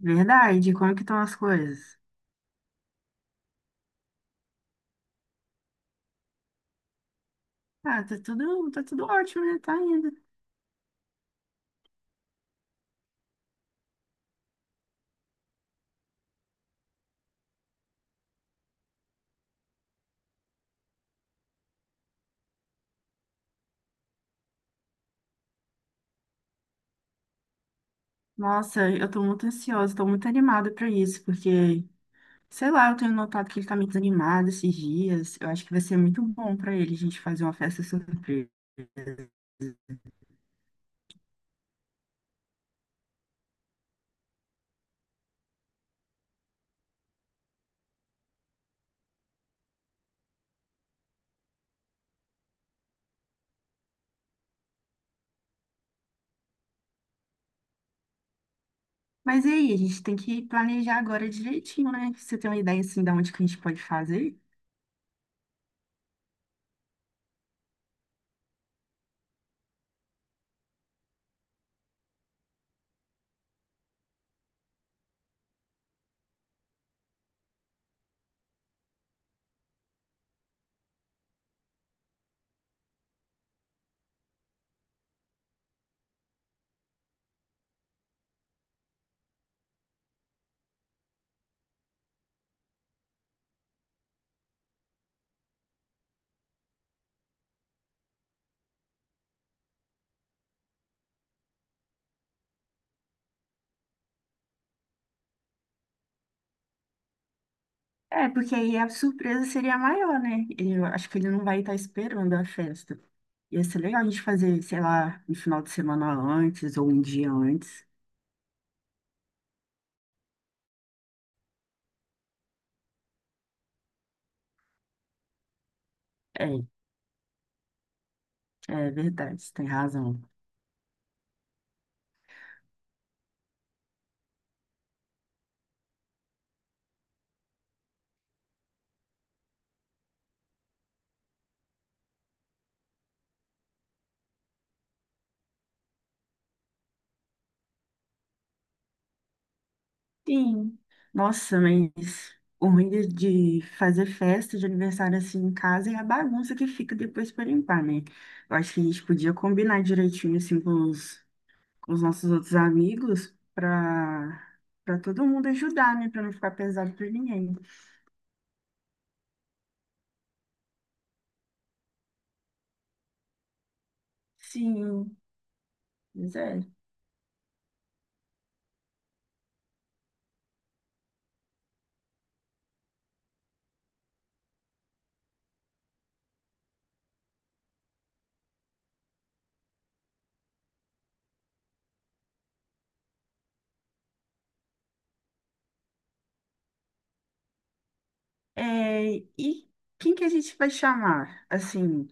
Verdade, como é que estão as coisas? Ah, tá tudo ótimo, né? Tá indo. Nossa, eu tô muito ansiosa, tô muito animada pra isso, porque, sei lá, eu tenho notado que ele tá meio desanimado esses dias. Eu acho que vai ser muito bom pra ele a gente fazer uma festa assim. Mas e aí, a gente tem que planejar agora direitinho, né? Você tem uma ideia assim da onde que a gente pode fazer? É, porque aí a surpresa seria maior, né? Eu acho que ele não vai estar esperando a festa. Ia ser legal a gente fazer, sei lá, no final de semana antes ou um dia antes. É, é verdade, você tem razão. Sim. Nossa, mas o ruim de fazer festa de aniversário assim em casa é a bagunça que fica depois para limpar, né? Eu acho que a gente podia combinar direitinho assim com com os nossos outros amigos para todo mundo ajudar, né? Para não ficar pesado para ninguém. Sim. Pois é. É, e quem que a gente vai chamar? Assim,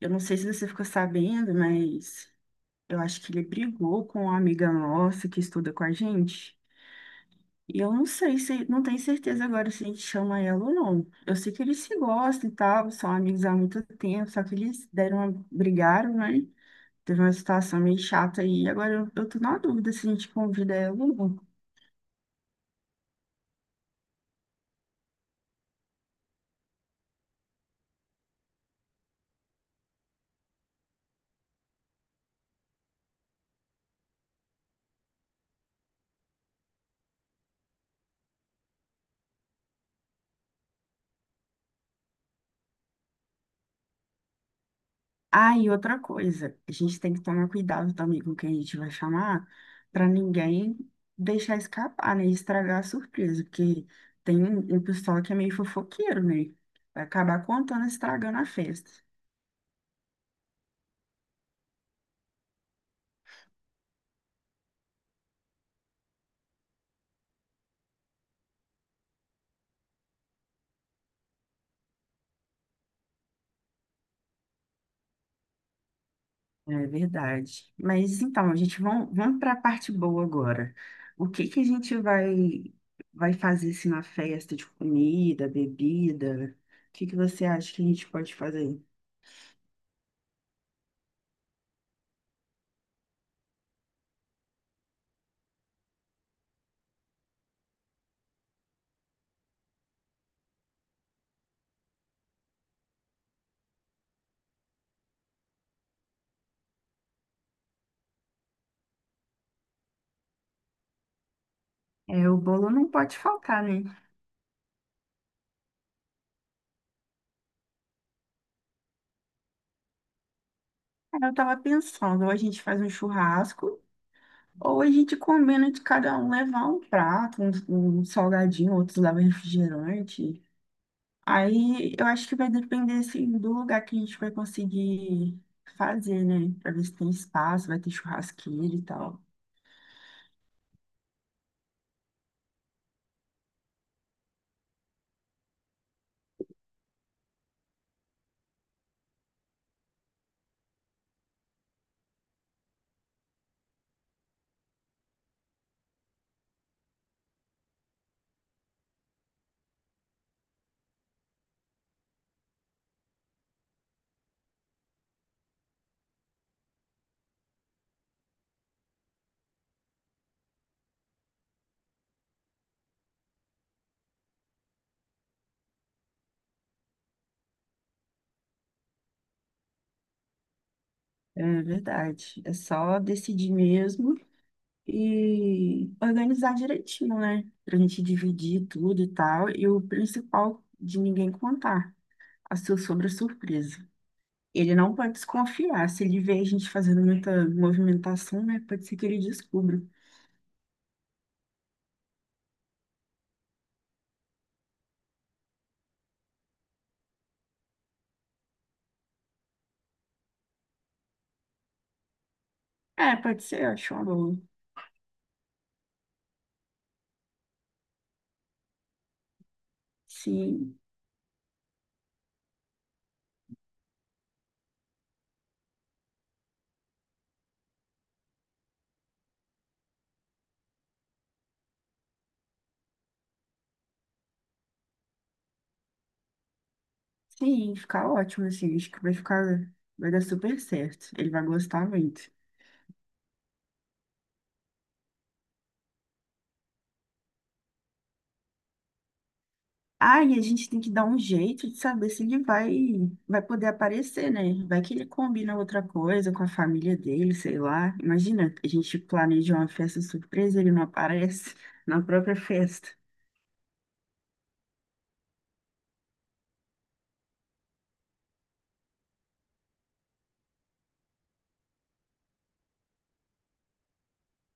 eu não sei se você ficou sabendo, mas eu acho que ele brigou com uma amiga nossa que estuda com a gente. E eu não sei se, não tenho certeza agora se a gente chama ela ou não. Eu sei que eles se gostam e tal, são amigos há muito tempo, só que eles deram uma, brigaram, né? Teve uma situação meio chata aí. Agora eu tô na dúvida se a gente convida ela ou não. Ah, e outra coisa, a gente tem que tomar cuidado também com quem a gente vai chamar, para ninguém deixar escapar, né? E estragar a surpresa, porque tem um pessoal que é meio fofoqueiro, né? Vai acabar contando, estragando a festa. É verdade. Mas então, a gente vamos, vamos para a parte boa agora. O que que a gente vai, vai fazer assim, na festa de comida, bebida? O que que você acha que a gente pode fazer? É, o bolo não pode faltar, né? Aí eu tava pensando, ou a gente faz um churrasco, ou a gente combina de cada um levar um prato, um salgadinho, outros levam refrigerante. Aí eu acho que vai depender assim, do lugar que a gente vai conseguir fazer, né? Pra ver se tem espaço, vai ter churrasqueira e tal. É verdade. É só decidir mesmo e organizar direitinho, né? Pra gente dividir tudo e tal. E o principal, de ninguém contar a sua sobre a surpresa. Ele não pode desconfiar. Se ele vê a gente fazendo muita movimentação, né? Pode ser que ele descubra. É, pode ser, eu acho uma boa. Sim, sim, ficar ótimo, assim. Acho que vai ficar, vai dar super certo. Ele vai gostar muito. Ah, e a gente tem que dar um jeito de saber se ele vai, vai poder aparecer, né? Vai que ele combina outra coisa com a família dele, sei lá. Imagina, a gente planeja uma festa surpresa, ele não aparece na própria festa.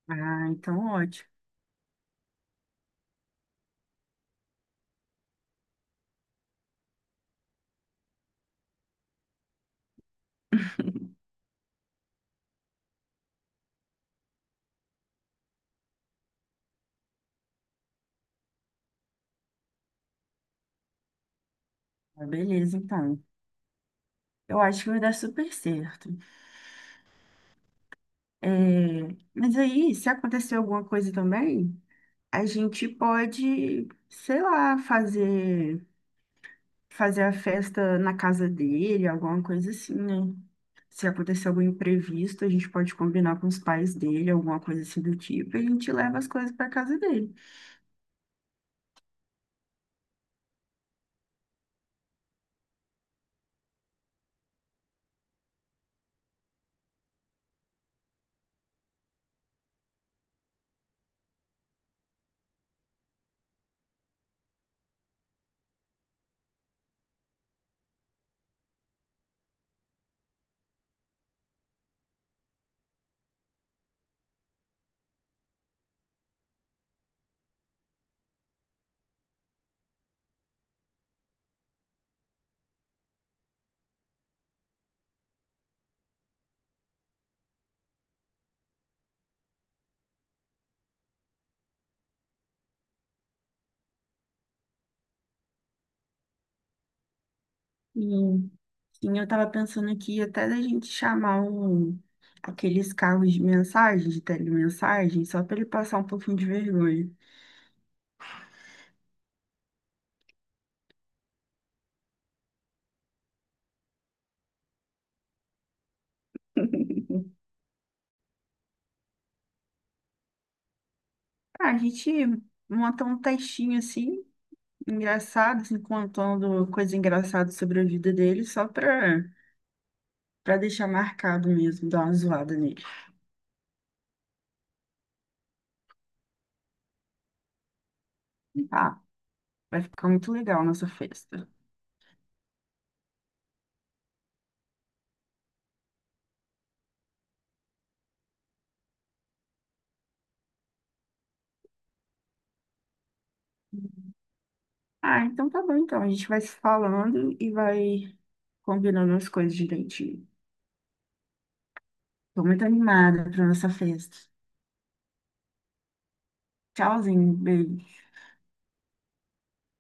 Ah, então ótimo. Ah, beleza, então. Eu acho que vai dar super certo. É, mas aí, se acontecer alguma coisa também, a gente pode, sei lá, fazer, fazer a festa na casa dele, alguma coisa assim, né? Se acontecer algum imprevisto, a gente pode combinar com os pais dele, alguma coisa assim do tipo, e a gente leva as coisas para casa dele. E, sim, eu tava pensando aqui até da gente chamar um, aqueles carros de mensagem, de telemensagem, só para ele passar um pouquinho de vergonha. Ah, a gente monta um textinho assim, engraçado, assim, contando coisa engraçada sobre a vida dele, só para deixar marcado mesmo, dar uma zoada nele. Ah, vai ficar muito legal a nossa festa. Ah, então tá bom, então. A gente vai se falando e vai combinando as coisas direitinho. Tô muito animada pra nossa festa. Tchauzinho, beijo.